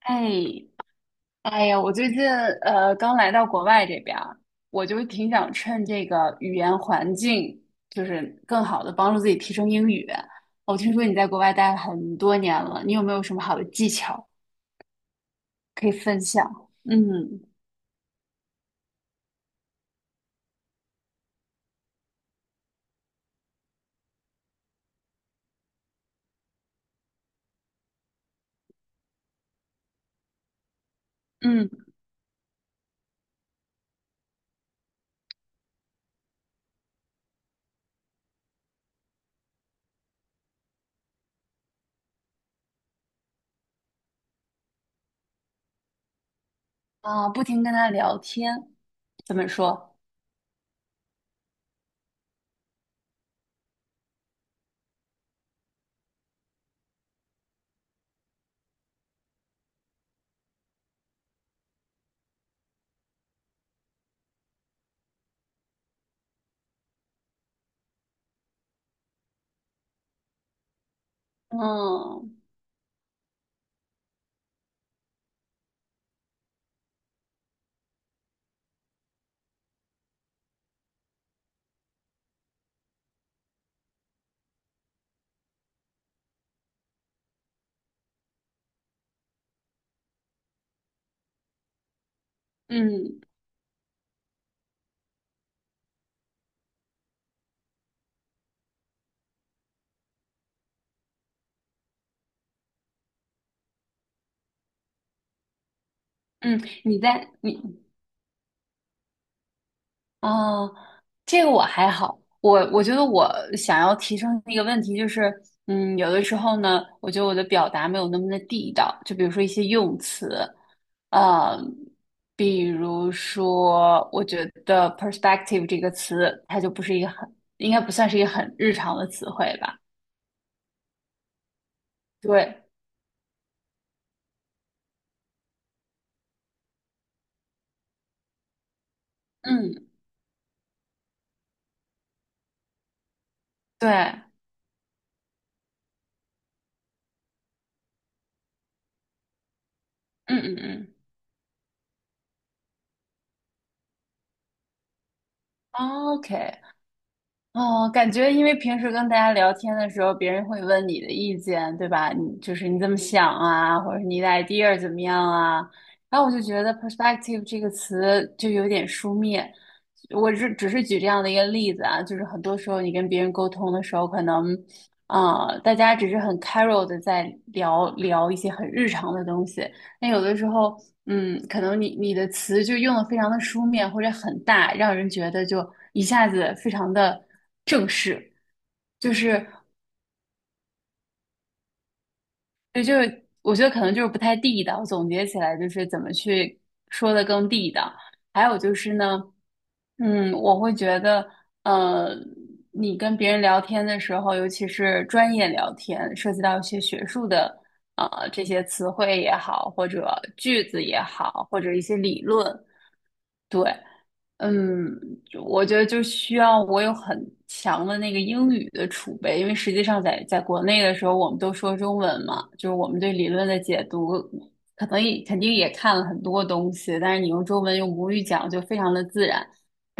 哎，哎呀，我最近刚来到国外这边儿，我就挺想趁这个语言环境，就是更好的帮助自己提升英语。我听说你在国外待了很多年了，你有没有什么好的技巧可以分享？嗯嗯。啊，不停跟他聊天，怎么说？嗯。嗯嗯，你在你哦，这个我还好，我觉得我想要提升的一个问题就是，嗯，有的时候呢，我觉得我的表达没有那么的地道，就比如说一些用词，呃，比如说我觉得 perspective 这个词，它就不是一个很，应该不算是一个很日常的词汇吧？对，嗯，对，嗯。嗯。嗯，OK。哦，感觉因为平时跟大家聊天的时候，别人会问你的意见，对吧？你就是你怎么想啊，或者是你的 idea 怎么样啊？然后我就觉得 perspective 这个词就有点书面。我是只是举这样的一个例子啊，就是很多时候你跟别人沟通的时候，可能，啊，大家只是很 c a r u a l 的在聊聊一些很日常的东西，那有的时候，嗯，可能你的词就用的非常的书面或者很大，让人觉得就一下子非常的正式，就是对，就是我觉得可能就是不太地道。总结起来就是怎么去说的更地道。还有就是呢，嗯，我会觉得，呃，你跟别人聊天的时候，尤其是专业聊天，涉及到一些学术的。呃，这些词汇也好，或者句子也好，或者一些理论，对，嗯，我觉得就需要我有很强的那个英语的储备，因为实际上在国内的时候，我们都说中文嘛，就是我们对理论的解读，可能也肯定也看了很多东西，但是你用中文用母语讲就非常的自然。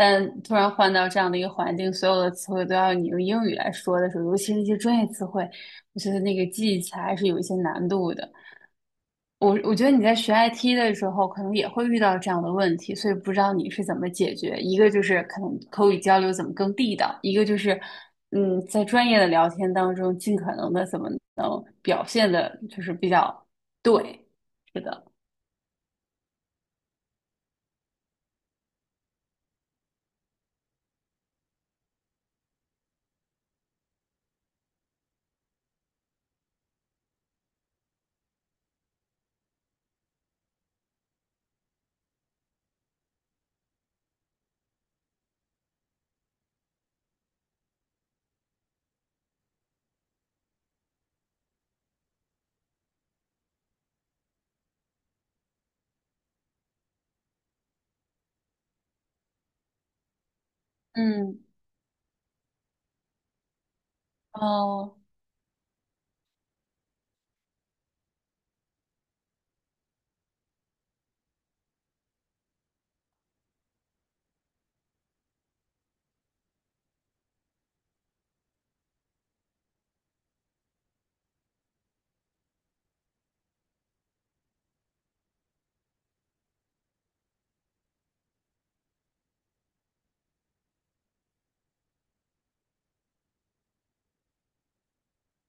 但突然换到这样的一个环境，所有的词汇都要你用英语来说的时候，尤其是一些专业词汇，我觉得那个记忆起来还是有一些难度的。我觉得你在学 IT 的时候，可能也会遇到这样的问题，所以不知道你是怎么解决。一个就是可能口语交流怎么更地道，一个就是嗯，在专业的聊天当中，尽可能的怎么能表现的，就是比较对，是的，嗯，哦，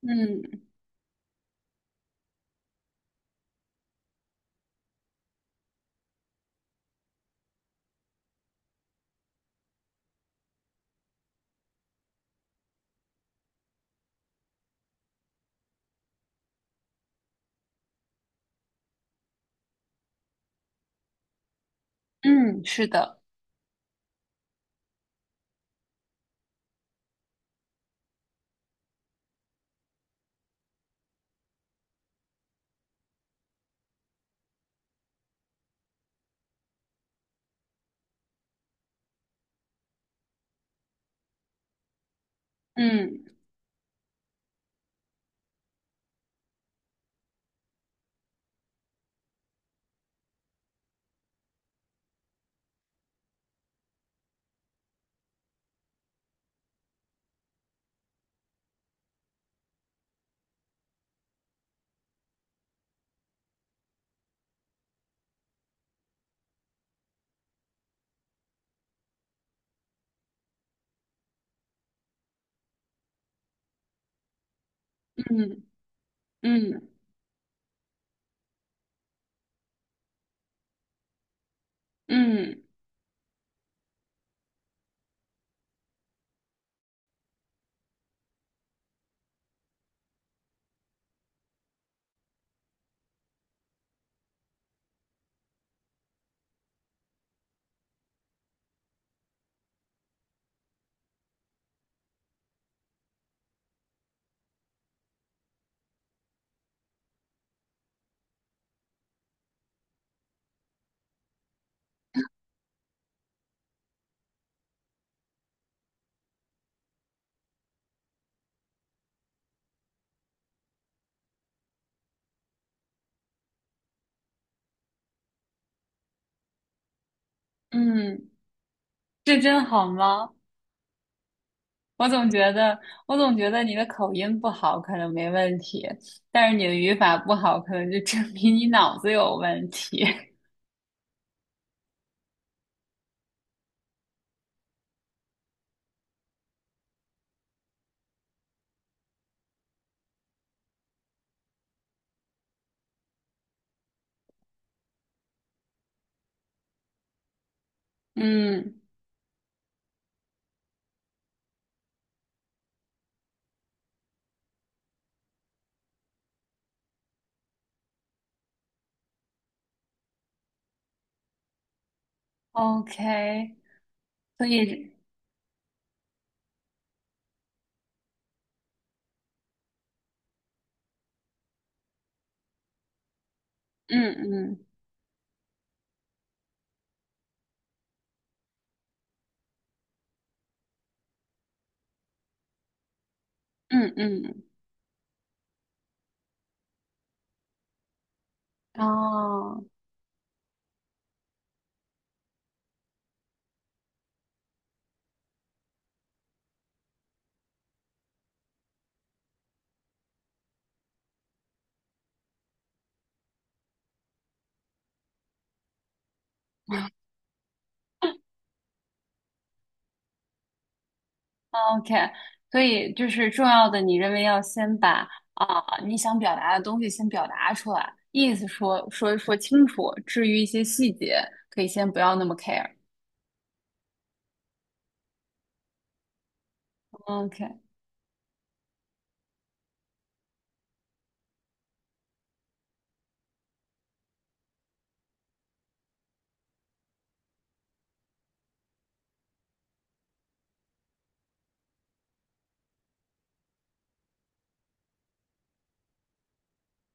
嗯。嗯，是的，嗯嗯嗯。嗯。嗯。嗯这真好吗？我总觉得，我总觉得你的口音不好可能没问题，但是你的语法不好，可能就证明你脑子有问题。嗯，OK,所以，嗯。嗯。嗯嗯，哦，OK,所以就是重要的，你认为要先把你想表达的东西先表达出来，意思说清楚，至于一些细节，可以先不要那么 care。OK,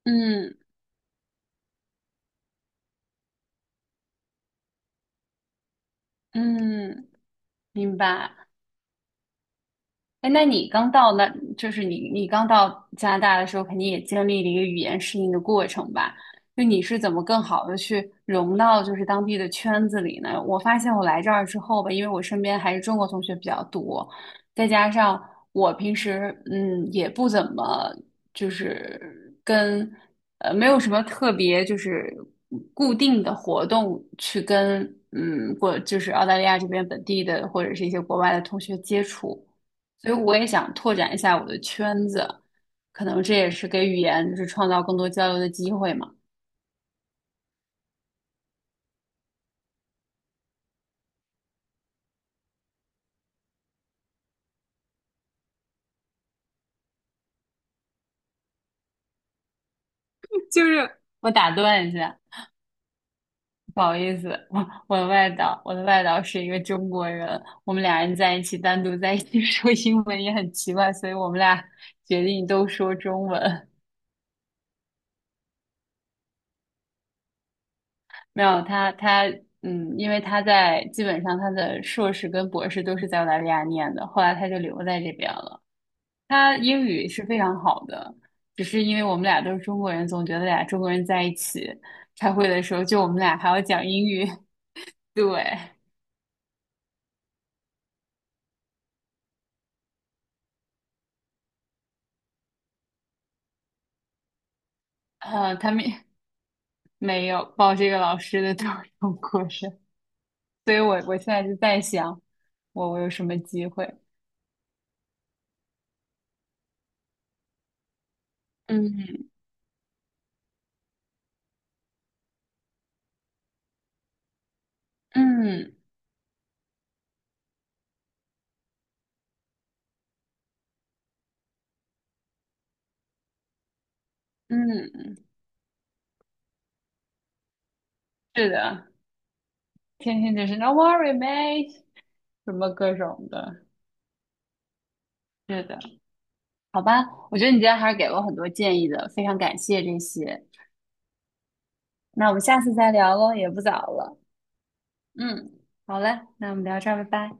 嗯嗯。明白。哎，那你刚到那，就是你刚到加拿大的时候，肯定也经历了一个语言适应的过程吧？就你是怎么更好的去融到就是当地的圈子里呢？我发现我来这儿之后吧，因为我身边还是中国同学比较多，再加上我平时嗯也不怎么就是跟没有什么特别就是固定的活动去跟嗯过就是澳大利亚这边本地的或者是一些国外的同学接触。所以我也想拓展一下我的圈子，可能这也是给语言就是创造更多交流的机会嘛。就是我打断一下，不好意思，我的外导，我的外导是一个中国人，我们俩人在一起单独在一起 说英文也很奇怪，所以我们俩决定都说中文。没有他，他嗯，因为他在基本上他的硕士跟博士都是在澳大利亚念的，后来他就留在这边了。他英语是非常好的，只是因为我们俩都是中国人，总觉得俩中国人在一起开会的时候，就我们俩还要讲英语。对，他们没有报这个老师的都是中国人。所以我现在就在想，我有什么机会？嗯。嗯。嗯，是的，天天就是 No worry, mate,什么各种的，是的，好吧，我觉得你今天还是给了我很多建议的，非常感谢这些。那我们下次再聊喽，也不早了。嗯，好嘞，那我们聊这儿，拜拜。